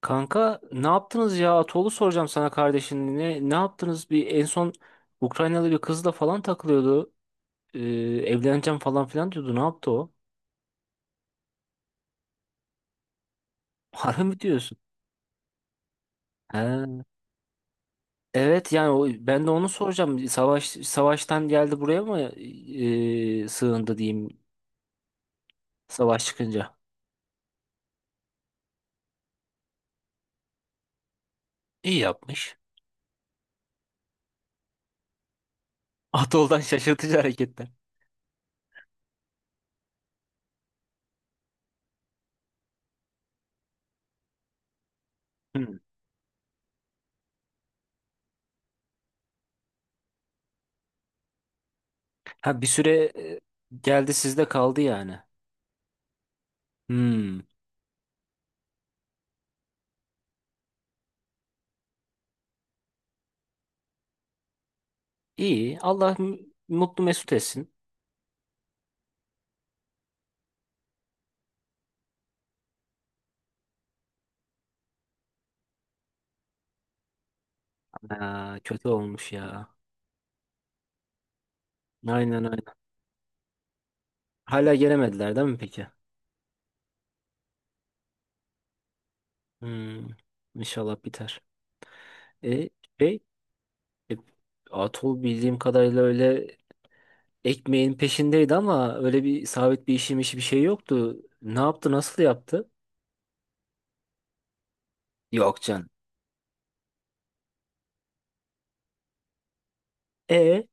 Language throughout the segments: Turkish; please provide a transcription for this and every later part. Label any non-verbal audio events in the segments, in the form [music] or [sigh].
Kanka ne yaptınız ya? Atoğlu soracağım sana kardeşin. Ne yaptınız? Bir en son Ukraynalı bir kızla falan takılıyordu. Ee, evleneceğim falan filan diyordu. Ne yaptı o? [laughs] Harbi mi diyorsun? He. Evet yani o, ben de onu soracağım. Savaş savaştan geldi buraya mı sığındı diyeyim savaş çıkınca. İyi yapmış. [laughs] Atol'dan şaşırtıcı hareketler. Hmm. Ha bir süre geldi sizde kaldı yani. Hmm. İyi. Mutlu mesut etsin. Aa, kötü olmuş ya. Aynen. Hala gelemediler değil mi peki? Hmm, inşallah biter. E, şey, e, Atol bildiğim kadarıyla öyle ekmeğin peşindeydi ama öyle bir sabit bir işi bir şey yoktu. Ne yaptı, nasıl yaptı? Yok canım. E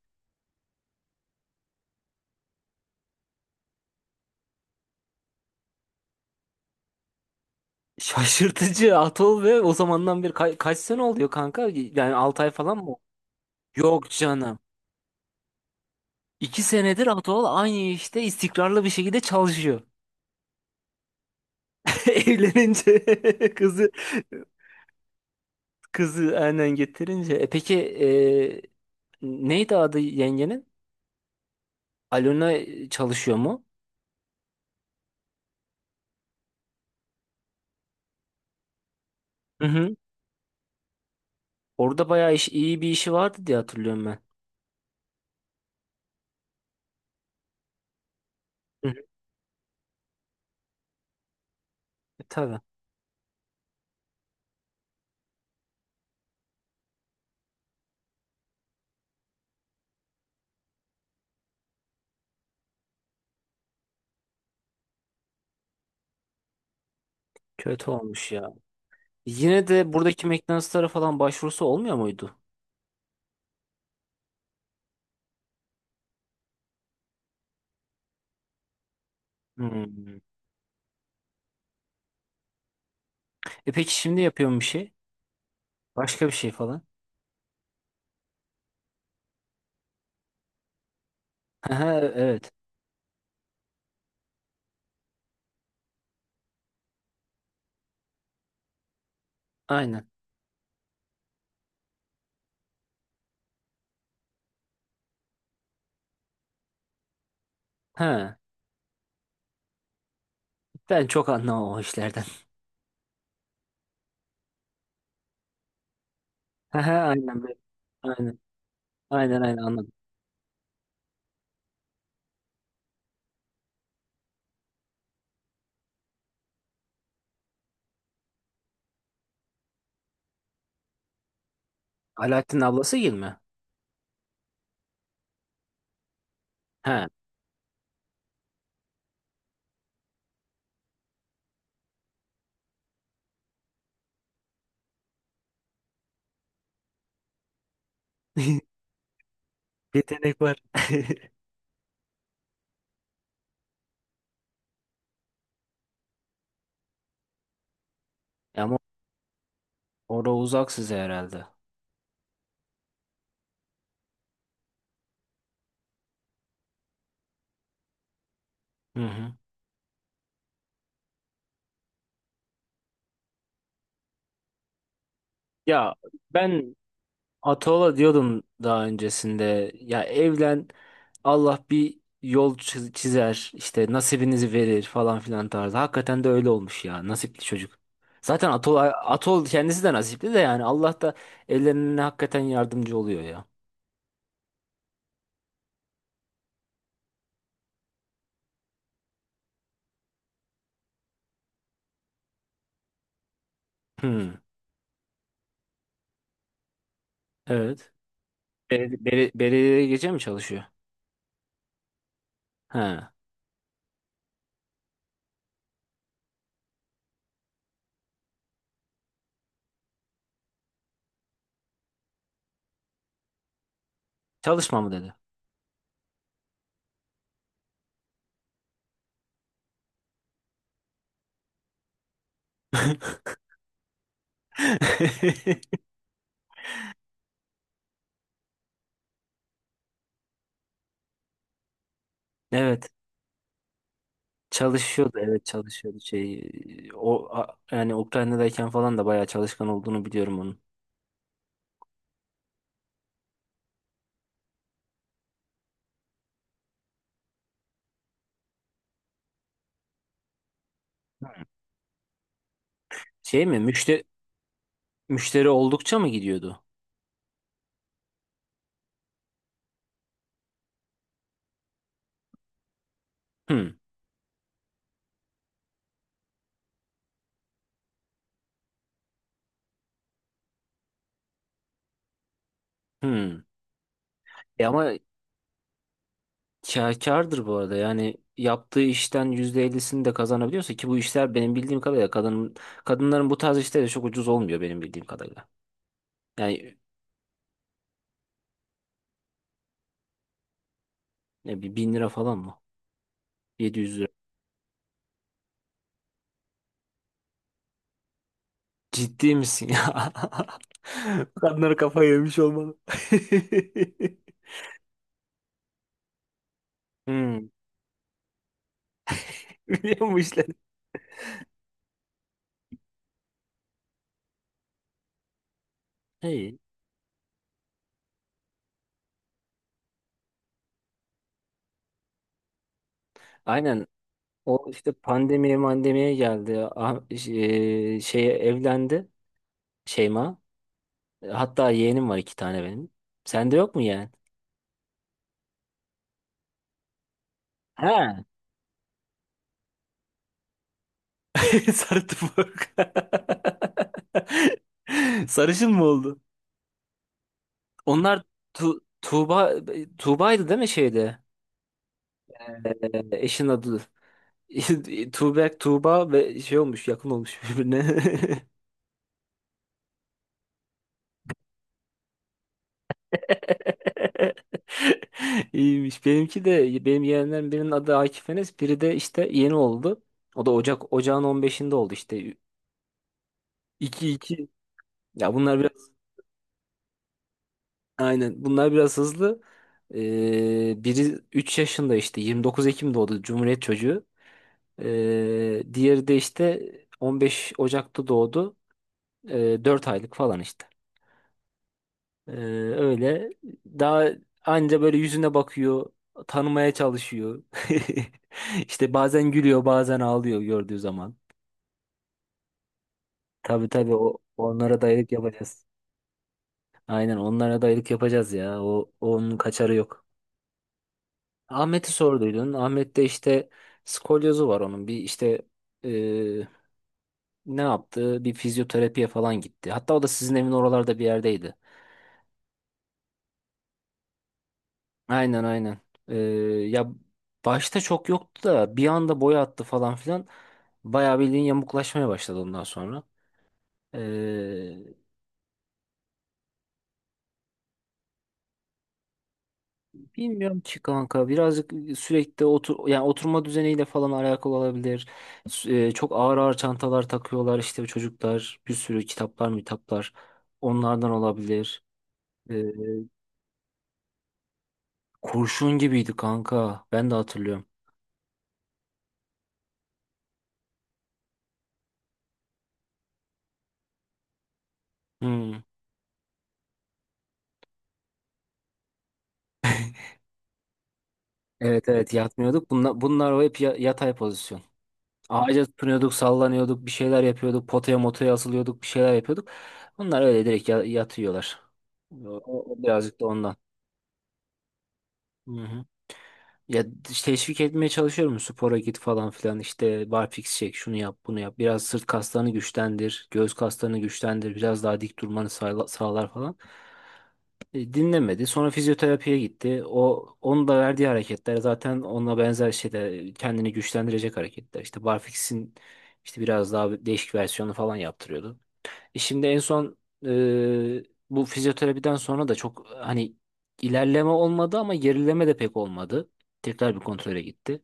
şaşırtıcı Atol ve o zamandan bir kaç sene oluyor kanka? Yani 6 ay falan mı? Yok canım. 2 senedir Atol aynı işte istikrarlı bir şekilde çalışıyor. [laughs] Evlenince [laughs] kızı kızı aynen getirince. E peki neydi adı yengenin? Alona çalışıyor mu? Hı hı. Orada bayağı iş, iyi bir işi vardı diye hatırlıyorum ben. Hı hı. E tabii. Kötü olmuş ya. Yine de buradaki McDonald's'lara falan başvurusu olmuyor muydu? Hmm. E peki şimdi yapıyorum bir şey. Başka bir şey falan. Ha, evet. Aynen. Ha. Ben çok anlamam o işlerden. [laughs] Ha, aynen. Aynen. Aynen anladım. Alaaddin ablası gibi mi? Ha. [laughs] Yetenek var. [laughs] Ama orada uzak size herhalde. Hı hı. Ya ben Ataola diyordum daha öncesinde. Ya evlen Allah bir yol çizer işte nasibinizi verir falan filan tarzı. Hakikaten de öyle olmuş ya nasipli çocuk. Zaten Atol, Atol kendisi de nasipli de yani Allah da ellerine hakikaten yardımcı oluyor ya. Hı, evet. Belediyede gece mi çalışıyor? He. Çalışma mı dedi? [laughs] Evet. Çalışıyordu, evet, çalışıyordu, şey, yani Ukrayna'dayken falan da bayağı çalışkan olduğunu biliyorum onun. Şey mi, müşteri müşteri oldukça mı gidiyordu? Hmm. Hmm. E ama kârdır bu arada yani yaptığı işten %50'sini de kazanabiliyorsa ki bu işler benim bildiğim kadarıyla kadınların bu tarz işleri çok ucuz olmuyor benim bildiğim kadarıyla. Yani ne, bir bin lira falan mı? 700 lira. Ciddi misin ya? [laughs] Kadınlar kafayı yemiş olmalı. [laughs] Hmm. [laughs] Biliyor musun işleri? Hey, aynen. O işte pandemiye mandemiye geldi. Ah, şeye evlendi Şeyma. Hatta yeğenim var iki tane benim. Sende yok mu yeğen? Ha. [laughs] Sarı tufak. [laughs] Sarışın mı oldu? Onlar tu Tuğba Tuğba'ydı değil mi şeyde? Ee, eşin adı. [laughs] Tuğbek Tuğba ve şey olmuş, yakın olmuş birbirine. [laughs] [laughs] İyiymiş. Benimki de, benim yeğenlerim, birinin adı Akif Enes, biri de işte yeni oldu. O da Ocağın 15'inde oldu işte. İki iki. Ya bunlar biraz aynen. Bunlar biraz hızlı. Biri 3 yaşında, işte 29 Ekim doğdu, Cumhuriyet çocuğu. Diğeri de işte 15 Ocak'ta doğdu. 4 aylık falan işte. Öyle. Daha anca böyle yüzüne bakıyor, tanımaya çalışıyor. [laughs] İşte bazen gülüyor, bazen ağlıyor gördüğü zaman. Tabii, o, onlara dayılık yapacağız. Aynen, onlara dayılık yapacağız ya. O, onun kaçarı yok. Ahmet'i sorduydun. Ahmet'te işte skolyozu var onun. Bir işte e, ne yaptı? Bir fizyoterapiye falan gitti. Hatta o da sizin evin oralarda bir yerdeydi. Aynen. Ee, ya başta çok yoktu da bir anda boya attı falan filan. Bayağı bildiğin yamuklaşmaya başladı ondan sonra. Ee, bilmiyorum ki kanka, birazcık sürekli otur yani oturma düzeniyle falan alakalı olabilir. Çok ağır ağır çantalar takıyorlar işte çocuklar, bir sürü kitaplar mitaplar, onlardan olabilir. Ee, kurşun gibiydi kanka, ben de hatırlıyorum. Hmm. Evet evet, yatmıyorduk. Bunlar o hep yatay pozisyon. Ağaca tutunuyorduk, sallanıyorduk, bir şeyler yapıyorduk, potaya motaya asılıyorduk, bir şeyler yapıyorduk. Bunlar öyle direkt yatıyorlar. O, o birazcık da ondan. Hı hı. Ya işte teşvik etmeye çalışıyorum, spora git falan filan, işte barfiks çek, şunu yap, bunu yap, biraz sırt kaslarını güçlendir, göğüs kaslarını güçlendir, biraz daha dik durmanı sağlar falan. Dinlemedi. Sonra fizyoterapiye gitti. O, onun da verdiği hareketler zaten onunla benzer şeyler, kendini güçlendirecek hareketler. İşte barfix'in işte biraz daha değişik versiyonu falan yaptırıyordu. E şimdi en son e, bu fizyoterapiden sonra da çok hani ilerleme olmadı ama gerileme de pek olmadı. Tekrar bir kontrole gitti.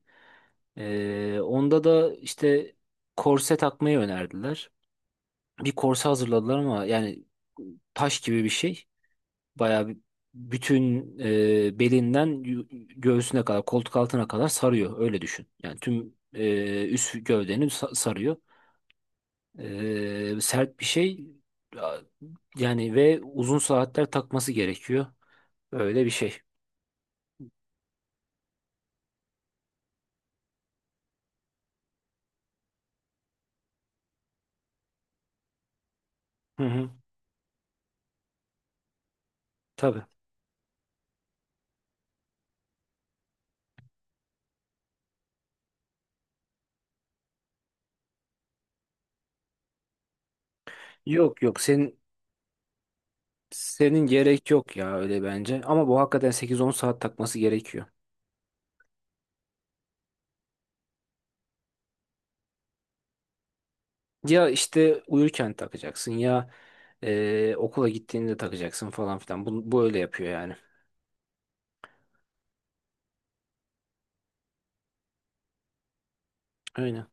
Onda da işte korse takmayı önerdiler. Bir korse hazırladılar ama yani taş gibi bir şey. Bayağı bir- bütün, belinden göğsüne kadar, koltuk altına kadar sarıyor. Öyle düşün. Yani tüm üst gövdeni sarıyor. Sert bir şey, A- yani, ve uzun saatler takması gerekiyor. Öyle bir şey. Hı hı. Tabii. Yok, senin gerek yok ya öyle bence. Ama bu hakikaten 8-10 saat takması gerekiyor. Ya işte uyurken takacaksın, ya okula gittiğinde takacaksın falan filan. Bu öyle yapıyor yani. Aynen.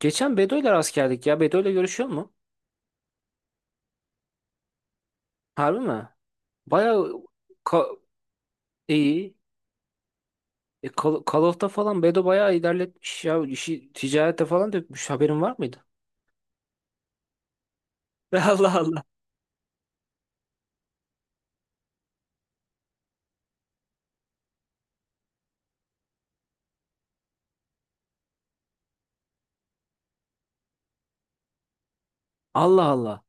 Geçen Bedo'yla rast geldik ya. Bedo'yla görüşüyor mu? Harbi mi? Bayağı ka- iyi. Call of'ta falan Bedo bayağı ilerletmiş ya. İşi ticarete falan dökmüş. Haberin var mıydı? [laughs] Allah Allah. Allah Allah.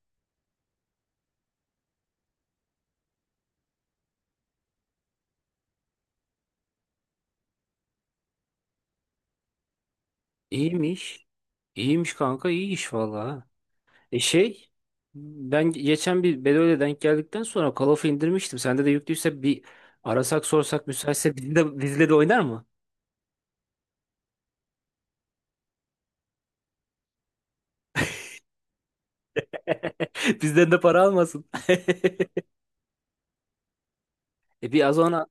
İyiymiş. İyiymiş kanka. İyi iş vallahi. Ha. E şey ben geçen bir Bedo'yla denk geldikten sonra Call of'u indirmiştim. Sende de yüklüyse bir arasak sorsak müsaitse, [laughs] bizle de oynar mı? [laughs] Bizden de para almasın. [laughs] E bir az ona.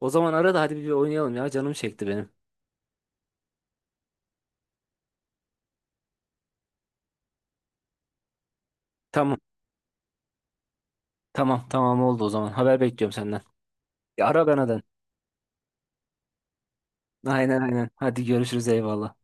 O zaman ara da hadi bir oynayalım ya. Canım çekti benim. Tamam. Tamam oldu o zaman. Haber bekliyorum senden. Ya ara bana da. Aynen. Hadi görüşürüz, eyvallah.